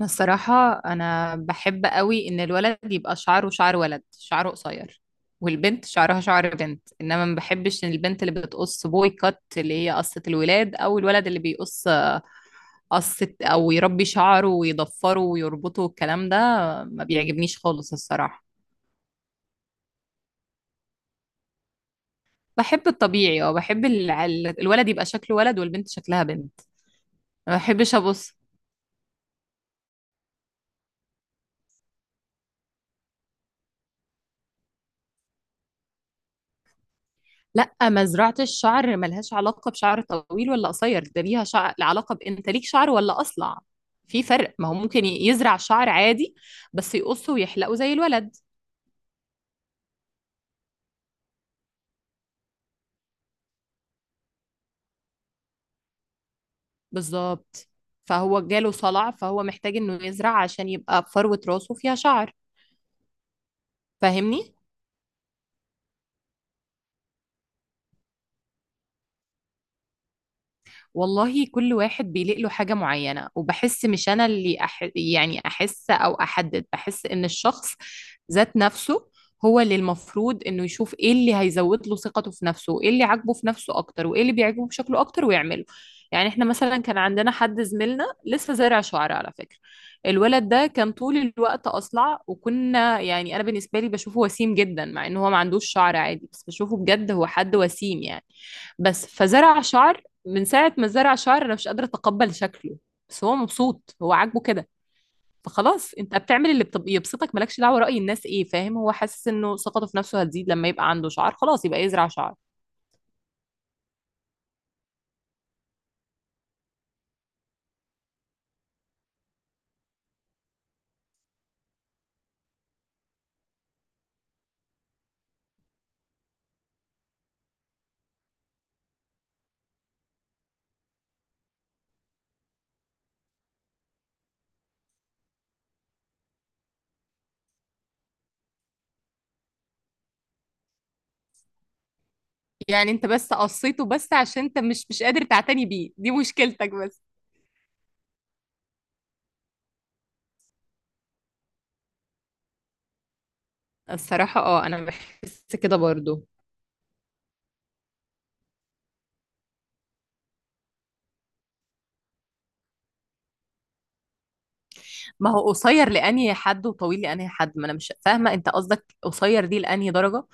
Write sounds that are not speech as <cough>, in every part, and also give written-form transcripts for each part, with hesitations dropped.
أنا الصراحة أنا بحب قوي إن الولد يبقى شعره شعر ولد، شعره قصير، والبنت شعرها شعر بنت. إنما ما بحبش إن البنت اللي بتقص بوي كات، اللي هي قصة الولاد، أو الولد اللي بيقص قصة، أو يربي شعره ويضفره ويربطه والكلام ده، ما بيعجبنيش خالص الصراحة. بحب الطبيعي، أو بحب الولد يبقى شكله ولد والبنت شكلها بنت. ما بحبش أبص. لا، مزرعة الشعر ملهاش علاقة بشعر طويل ولا قصير، ده ليها شعر علاقة بأنت ليك شعر ولا أصلع. في فرق، ما هو ممكن يزرع شعر عادي بس يقصه ويحلقه زي الولد، بالظبط. فهو جاله صلع، فهو محتاج إنه يزرع عشان يبقى فروة راسه فيها شعر. فاهمني؟ والله كل واحد بيليق له حاجة معينة، وبحس مش أنا اللي يعني أحس أو أحدد، بحس إن الشخص ذات نفسه هو اللي المفروض إنه يشوف إيه اللي هيزود له ثقته في نفسه، وإيه اللي عاجبه في نفسه أكتر، وإيه اللي بيعجبه بشكله أكتر، ويعمله. يعني إحنا مثلا كان عندنا حد زميلنا لسه زارع شعر على فكرة. الولد ده كان طول الوقت أصلع، وكنا، يعني أنا بالنسبة لي بشوفه وسيم جدا مع إن هو ما عندوش شعر عادي، بس بشوفه بجد هو حد وسيم يعني. بس فزرع شعر. من ساعة ما زرع شعر، أنا مش قادرة أتقبل شكله. بس هو مبسوط، هو عاجبه كده. فخلاص، أنت بتعمل اللي يبسطك، مالكش دعوة رأي الناس إيه، فاهم؟ هو حاسس إنه ثقته في نفسه هتزيد لما يبقى عنده شعر، خلاص يبقى يزرع شعر. يعني أنت بس قصيته بس عشان أنت مش قادر تعتني بيه، دي مشكلتك بس. الصراحة، أنا بحس كده برضو. ما هو قصير لأنهي حد وطويل لأنهي حد؟ ما أنا مش فاهمة أنت قصدك قصير دي لأنهي درجة.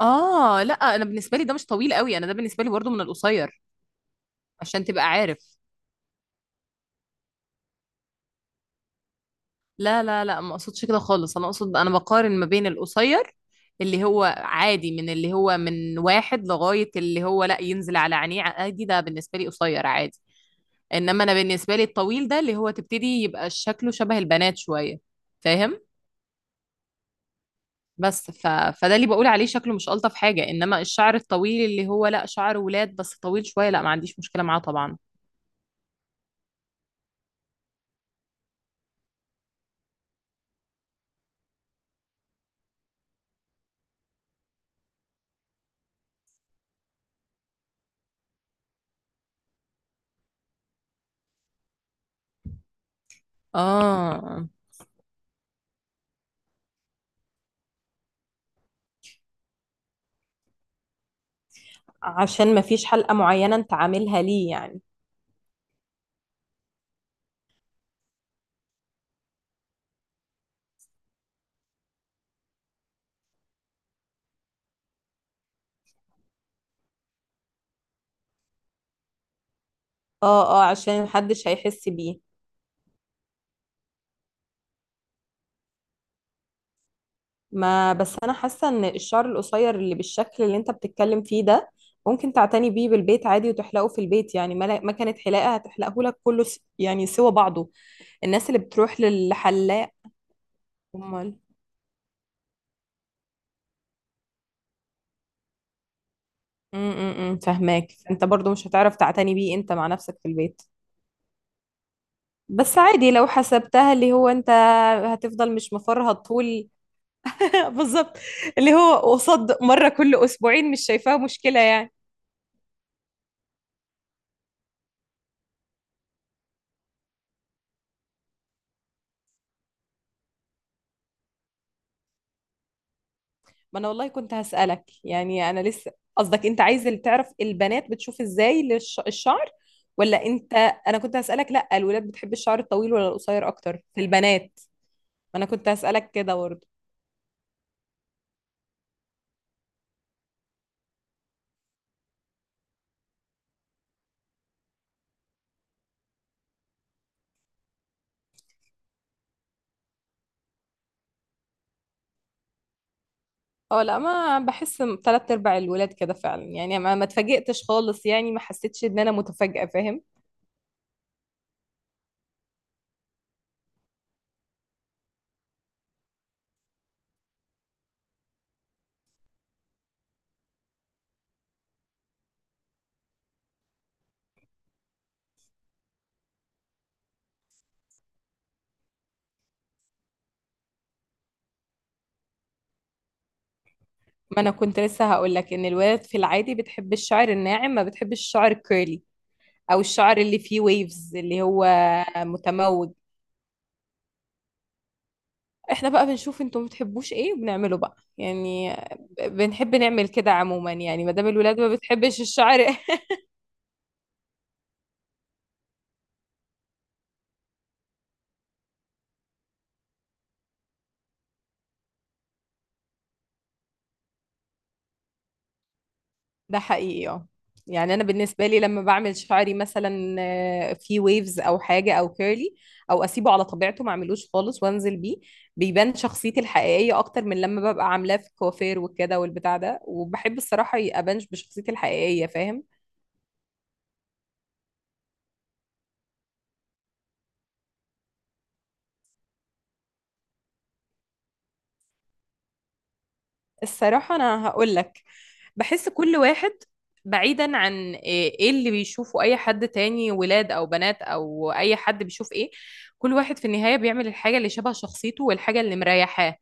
اه لا، أنا بالنسبة لي ده مش طويل قوي، أنا ده بالنسبة لي برضو من القصير، عشان تبقى عارف. لا لا لا، ما اقصدش كده خالص، انا اقصد انا بقارن ما بين القصير اللي هو عادي، من اللي هو من واحد لغاية اللي هو لا ينزل على عينيه عادي، ده بالنسبة لي قصير عادي. انما انا بالنسبة لي الطويل ده اللي هو تبتدي يبقى شكله شبه البنات شوية، فاهم؟ بس فده اللي بقول عليه شكله مش الطف حاجة. انما الشعر الطويل اللي هو لا شعر ولاد بس طويل شوية، لا ما عنديش مشكلة معاه طبعا. اه، عشان مفيش حلقة معينة انت عاملها ليه يعني. اه اه، عشان محدش هيحس بيه. ما بس انا حاسه ان الشعر القصير اللي بالشكل اللي انت بتتكلم فيه ده، ممكن تعتني بيه بالبيت عادي، وتحلقه في البيت يعني. ما كانت حلاقه هتحلقه لك كله، يعني سوى بعضه، الناس اللي بتروح للحلاق. امال. فاهماك انت برضو مش هتعرف تعتني بيه انت مع نفسك في البيت. بس عادي لو حسبتها، اللي هو انت هتفضل مش مفرها طول. <laughs> بالظبط. اللي هو قصاد مره كل اسبوعين، مش شايفاها مشكله يعني. ما انا والله كنت هسألك، يعني انا لسه، قصدك انت عايز اللي تعرف البنات بتشوف ازاي الشعر، ولا انت؟ انا كنت هسألك، لا الولاد بتحب الشعر الطويل ولا القصير اكتر في البنات؟ ما انا كنت هسألك كده برضه. اه لا، ما بحس، تلات ارباع الولاد كده فعلا، يعني ما اتفاجئتش خالص، يعني ما حسيتش ان انا متفاجئة، فاهم؟ ما انا كنت لسه هقول لك ان الولاد في العادي بتحب الشعر الناعم، ما بتحبش الشعر الكيرلي، او الشعر اللي فيه ويفز اللي هو متموج. احنا بقى بنشوف انتوا بتحبوش ايه وبنعمله بقى يعني، بنحب نعمل كده عموما، يعني ما دام الولاد ما بتحبش الشعر <laughs> ده حقيقي اه. يعني انا بالنسبه لي لما بعمل شعري مثلا في ويفز او حاجه او كيرلي، او اسيبه على طبيعته ما اعملوش خالص وانزل بيه، بيبان شخصيتي الحقيقيه اكتر من لما ببقى عاملاه في كوافير وكده والبتاع ده. وبحب الصراحه ابانش بشخصيتي الحقيقيه، فاهم؟ الصراحه انا هقول لك، بحس كل واحد بعيدا عن إيه اللي بيشوفه اي حد تاني، ولاد او بنات او اي حد، بيشوف ايه، كل واحد في النهاية بيعمل الحاجة اللي شبه شخصيته والحاجة اللي مريحاه.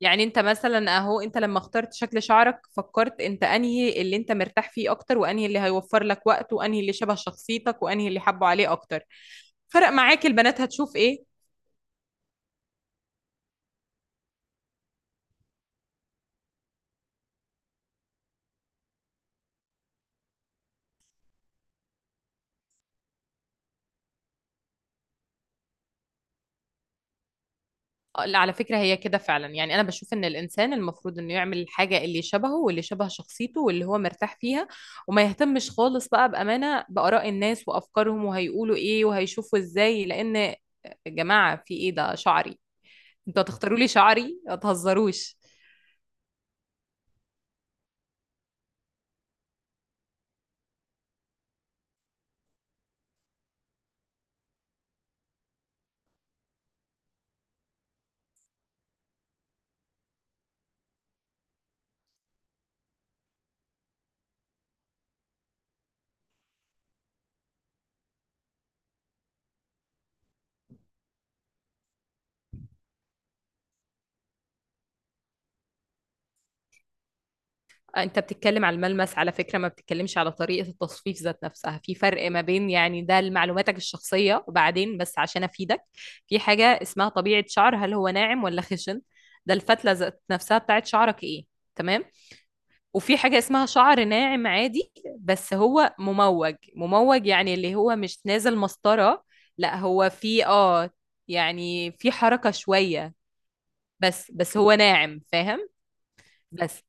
يعني انت مثلا اهو، انت لما اخترت شكل شعرك فكرت انت انهي اللي انت مرتاح فيه اكتر، وانهي اللي هيوفر لك وقت، وانهي اللي شبه شخصيتك، وانهي اللي حبه عليه اكتر. فرق معاك البنات هتشوف ايه؟ آه، لا على فكرة هي كده فعلا، يعني أنا بشوف إن الإنسان المفروض إنه يعمل الحاجة اللي شبهه، واللي شبه شخصيته، واللي هو مرتاح فيها، وما يهتمش خالص بقى بأمانة بآراء الناس وأفكارهم، وهيقولوا إيه، وهيشوفوا إزاي. لأن يا جماعة في إيه ده، شعري؟ أنتوا هتختاروا لي شعري؟ ما تهزروش. انت بتتكلم على الملمس على فكرة، ما بتتكلمش على طريقة التصفيف ذات نفسها، في فرق ما بين، يعني ده لمعلوماتك الشخصية وبعدين، بس عشان افيدك. في حاجة اسمها طبيعة شعر، هل هو ناعم ولا خشن؟ ده الفتلة ذات نفسها بتاعت شعرك ايه، تمام؟ وفي حاجة اسمها شعر ناعم عادي، بس هو مموج مموج، يعني اللي هو مش نازل مسطرة. لا هو في يعني في حركة شوية، بس هو ناعم، فاهم؟ بس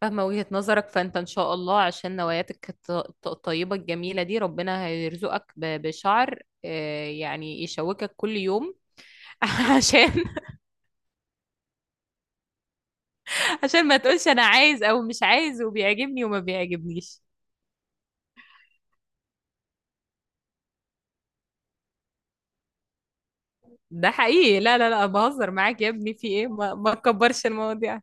فاهمة وجهة نظرك، فانت ان شاء الله عشان نواياتك الطيبة الجميلة دي، ربنا هيرزقك بشعر يعني يشوكك كل يوم. <laughs> عشان عشان ما تقولش انا عايز او مش عايز، وبيعجبني وما بيعجبنيش. ده حقيقي، لا لا لا، بهزر معاك يا ابني، في ايه، ما تكبرش المواضيع.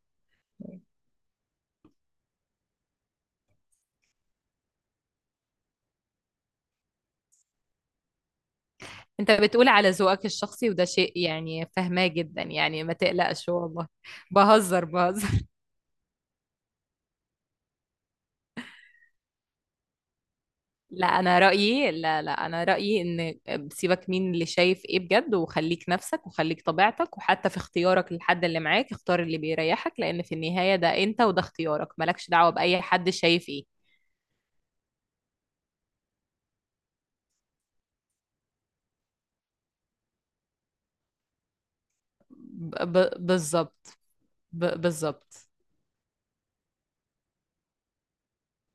انت بتقول على ذوقك الشخصي، وده شيء يعني فاهماه جدا، يعني ما تقلقش والله. بهزر بهزر. لا انا رايي، لا، انا رايي ان سيبك مين اللي شايف ايه بجد، وخليك نفسك وخليك طبيعتك، وحتى في اختيارك للحد اللي معاك، اختار اللي بيريحك، لان في النهايه ده انت، وده اختيارك، مالكش دعوه باي حد شايف ايه. بالظبط، بالظبط.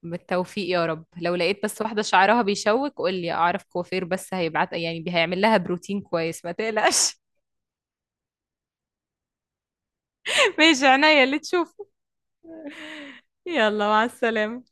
بالتوفيق يا رب. لو لقيت بس واحده شعرها بيشوك قول لي، اعرف كوافير بس، هيبعت يعني هيعمل لها بروتين كويس، ما تقلقش. <laughs> ماشي، عينيا اللي تشوفه. يلا، مع السلامه.